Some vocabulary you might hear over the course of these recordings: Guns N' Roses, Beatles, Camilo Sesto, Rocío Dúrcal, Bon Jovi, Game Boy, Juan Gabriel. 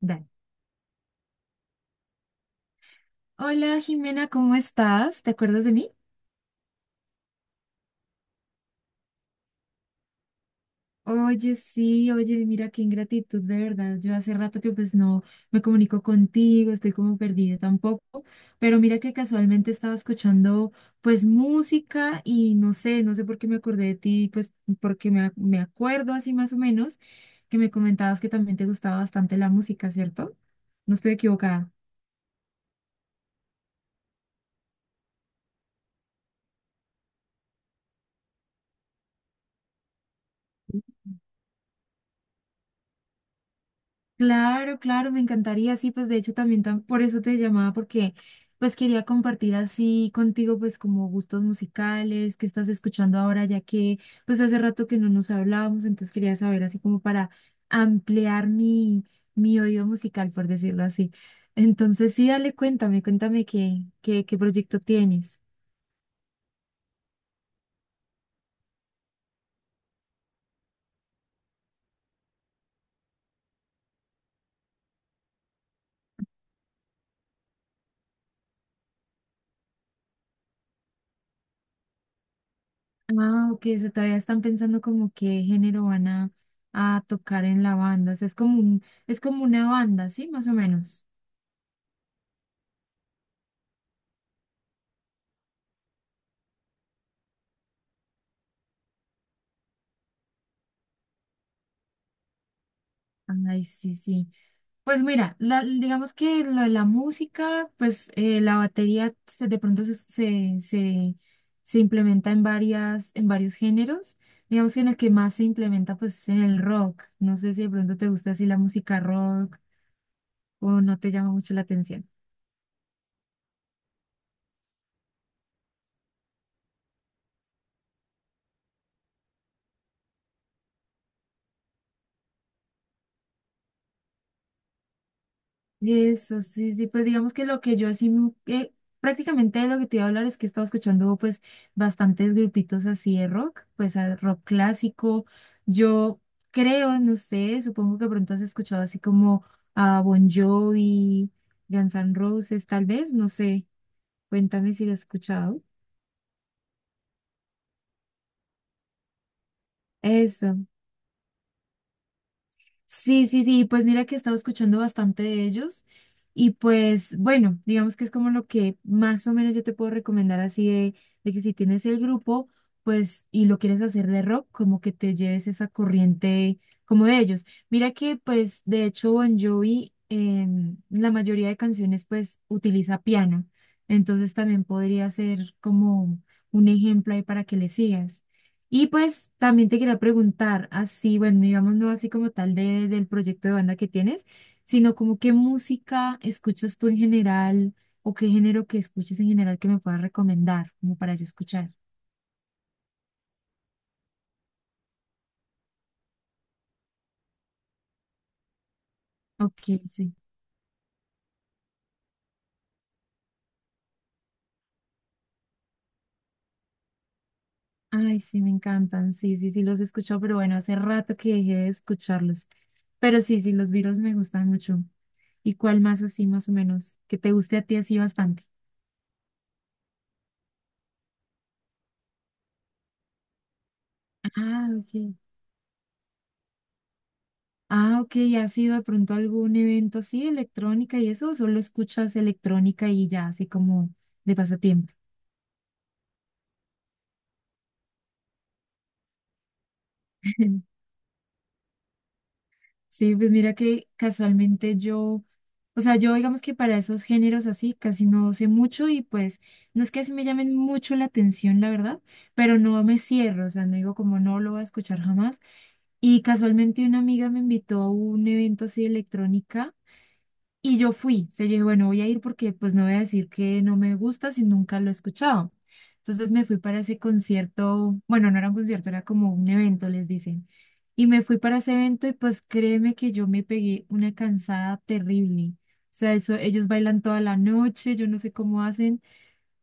Dale. Hola Jimena, ¿cómo estás? ¿Te acuerdas de mí? Oye, sí, oye, mira qué ingratitud, de verdad. Yo hace rato que pues no me comunico contigo, estoy como perdida tampoco, pero mira que casualmente estaba escuchando pues música y no sé por qué me acordé de ti, pues porque me acuerdo así más o menos que me comentabas que también te gustaba bastante la música, ¿cierto? No estoy equivocada. Claro, claro, me encantaría, sí, pues de hecho también por eso te llamaba, porque pues quería compartir así contigo pues como gustos musicales, qué estás escuchando ahora, ya que pues hace rato que no nos hablábamos, entonces quería saber así como para ampliar mi oído musical, por decirlo así. Entonces sí, dale, cuéntame, cuéntame qué proyecto tienes. Ah, ok, o sea, todavía están pensando como qué género van a tocar en la banda, o sea, es como una banda, ¿sí? Más o menos. Ay, sí, sí. Pues mira, digamos que lo de la música, pues la batería de pronto se implementa en varios géneros. Digamos que en el que más se implementa, pues es en el rock. No sé si de pronto te gusta así la música rock o no te llama mucho la atención. Eso, sí, sí, pues digamos que lo que yo así, prácticamente de lo que te iba a hablar es que he estado escuchando pues bastantes grupitos así de rock, pues rock clásico, yo creo, no sé, supongo que pronto has escuchado así como a Bon Jovi, Guns N' Roses, tal vez, no sé, cuéntame si lo has escuchado. Eso. Sí, sí, sí, pues mira que he estado escuchando bastante de ellos y pues bueno, digamos que es como lo que más o menos yo te puedo recomendar así de que si tienes el grupo, pues y lo quieres hacer de rock, como que te lleves esa corriente como de ellos. Mira que pues de hecho Bon Jovi en la mayoría de canciones pues utiliza piano, entonces también podría ser como un ejemplo ahí para que le sigas. Y pues también te quería preguntar, así, bueno, digamos, no así como tal del proyecto de banda que tienes, sino como qué música escuchas tú en general o qué género que escuches en general que me puedas recomendar, como para yo escuchar. Ok, sí. Ay, sí, me encantan. Sí, sí, sí, los he escuchado, pero bueno, hace rato que dejé de escucharlos. Pero sí, sí, los Beatles me gustan mucho. ¿Y cuál más así, más o menos, que te guste a ti así bastante? Ah, ok. Ah, ok, ¿has sido de pronto a algún evento así, electrónica y eso? ¿O solo escuchas electrónica y ya, así como de pasatiempo? Sí, pues mira que casualmente yo, o sea, yo digamos que para esos géneros así casi no sé mucho y pues no es que así me llamen mucho la atención, la verdad, pero no me cierro, o sea, no digo como no lo voy a escuchar jamás. Y casualmente una amiga me invitó a un evento así de electrónica. Y yo fui, o sea, yo dije, bueno, voy a ir porque pues no voy a decir que no me gusta si nunca lo he escuchado. Entonces me fui para ese concierto, bueno, no era un concierto, era como un evento, les dicen. Y me fui para ese evento y pues créeme que yo me pegué una cansada terrible. O sea, eso, ellos bailan toda la noche, yo no sé cómo hacen.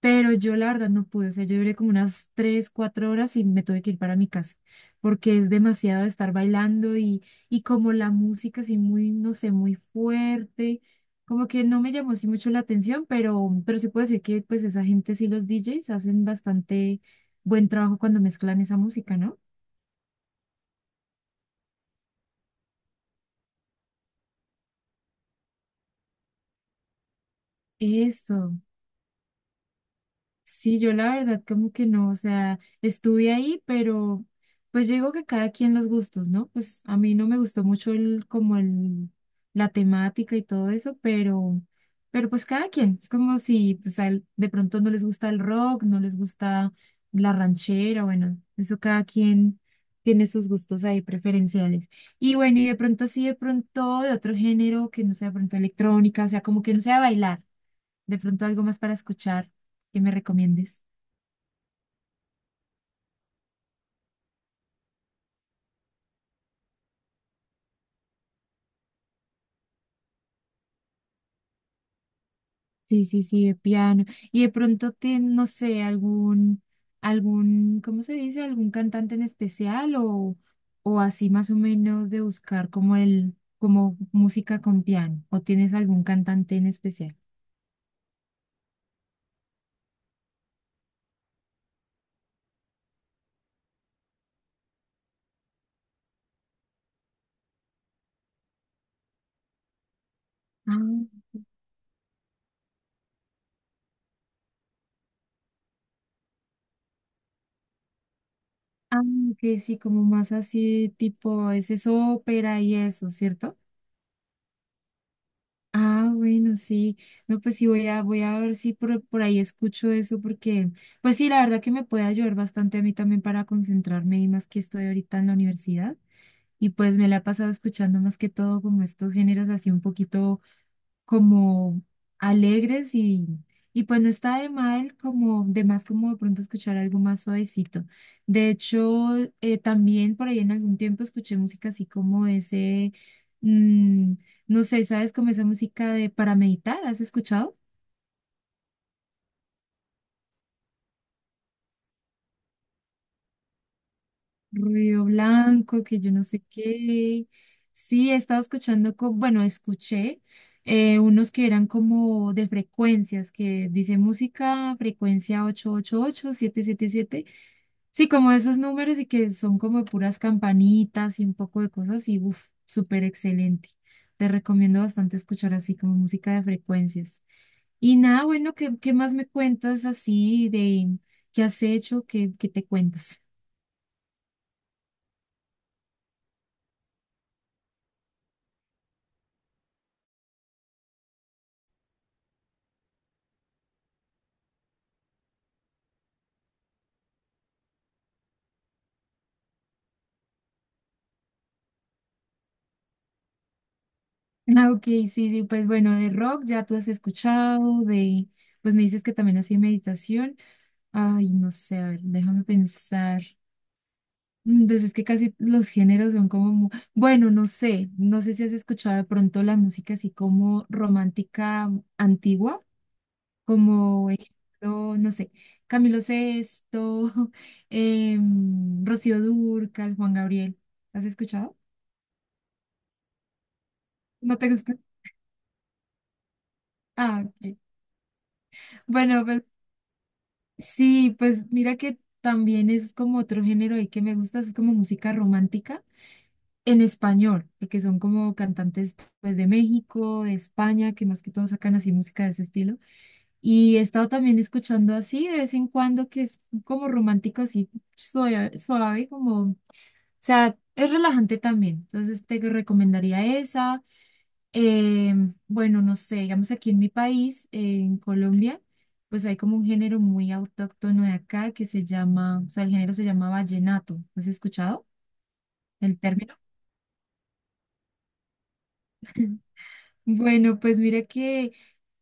Pero yo la verdad no pude, o sea, yo duré como unas 3, 4 horas y me tuve que ir para mi casa, porque es demasiado de estar bailando y como la música así muy, no sé, muy fuerte, como que no me llamó así mucho la atención, pero sí puedo decir que pues esa gente, sí, los DJs hacen bastante buen trabajo cuando mezclan esa música, ¿no? Eso. Sí, yo la verdad como que no, o sea, estuve ahí, pero pues yo digo que cada quien los gustos, ¿no? Pues a mí no me gustó mucho la temática y todo eso, pero pues cada quien, es como si pues a él de pronto no les gusta el rock, no les gusta la ranchera, bueno, eso cada quien tiene sus gustos ahí preferenciales. Y bueno, y de pronto así, de pronto de otro género que no sea de pronto electrónica, o sea, como que no sea bailar. De pronto algo más para escuchar que me recomiendes. Sí, sí, sí, de piano. Y de pronto te no sé, ¿cómo se dice? ¿Algún cantante en especial o así más o menos de buscar como como música con piano? ¿O tienes algún cantante en especial? Ah, ah, que sí, como más así tipo, ese es ópera y eso, ¿cierto? Ah, bueno, sí. No, pues sí, voy a ver si por ahí escucho eso, porque, pues sí, la verdad que me puede ayudar bastante a mí también para concentrarme y más que estoy ahorita en la universidad. Y pues me la he pasado escuchando más que todo como estos géneros así un poquito como alegres y pues no está de mal como de más como de pronto escuchar algo más suavecito. De hecho, también por ahí en algún tiempo escuché música así como ese, mm, no sé, ¿sabes? Como esa música de para meditar, ¿has escuchado? Ruido blanco, que yo no sé qué. Sí, he estado escuchando, bueno, escuché unos que eran como de frecuencias, que dice música, frecuencia 888, siete. Sí, como esos números y que son como puras campanitas y un poco de cosas y uff, súper excelente. Te recomiendo bastante escuchar así como música de frecuencias. Y nada, bueno, ¿qué más me cuentas así de qué has hecho, qué te cuentas? Ah, ok, sí, sí, pues bueno, de rock ya tú has escuchado, pues me dices que también hacía meditación. Ay, no sé, a ver, déjame pensar. Entonces es que casi los géneros son como, bueno, no sé si has escuchado de pronto la música así como romántica antigua, como ejemplo, no sé, Camilo Sesto, Rocío Dúrcal, Juan Gabriel. ¿Has escuchado? ¿No te gusta? Ah, ok. Bueno, pues sí, pues mira que también es como otro género ahí que me gusta, es como música romántica en español, porque son como cantantes pues de México, de España, que más que todo sacan así música de ese estilo. Y he estado también escuchando así de vez en cuando, que es como romántico, así suave, suave, como, o sea, es relajante también. Entonces te recomendaría esa. Eh, bueno, no sé, digamos aquí en mi país, en Colombia. Pues hay como un género muy autóctono de acá que se llama, o sea, el género se llama vallenato. ¿Has escuchado el término? Bueno, pues mira que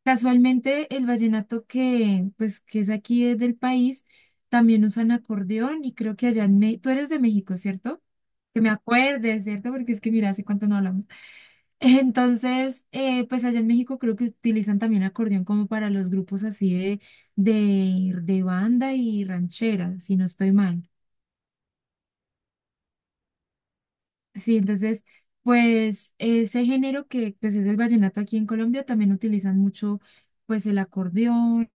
casualmente el vallenato que, pues, que es aquí es del país, también usan acordeón y creo que allá en México, tú eres de México, ¿cierto? Que me acuerdes, ¿cierto? Porque es que mira, hace cuánto no hablamos. Entonces, pues allá en México creo que utilizan también acordeón como para los grupos así de banda y ranchera, si no estoy mal. Sí, entonces, pues ese género que pues es el vallenato aquí en Colombia también utilizan mucho pues el acordeón,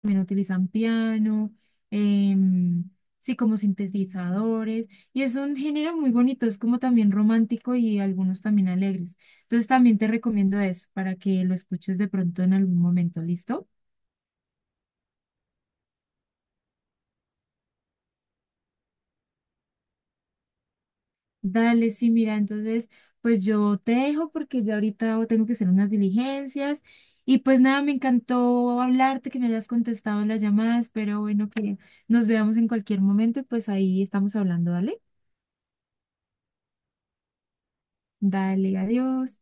también utilizan piano, em, sí, como sintetizadores, y es un género muy bonito, es como también romántico y algunos también alegres. Entonces también te recomiendo eso para que lo escuches de pronto en algún momento, ¿listo? Dale, sí, mira, entonces, pues yo te dejo porque ya ahorita tengo que hacer unas diligencias. Y pues nada, me encantó hablarte, que me hayas contestado las llamadas, pero bueno, que nos veamos en cualquier momento y pues ahí estamos hablando, ¿dale? Dale, adiós.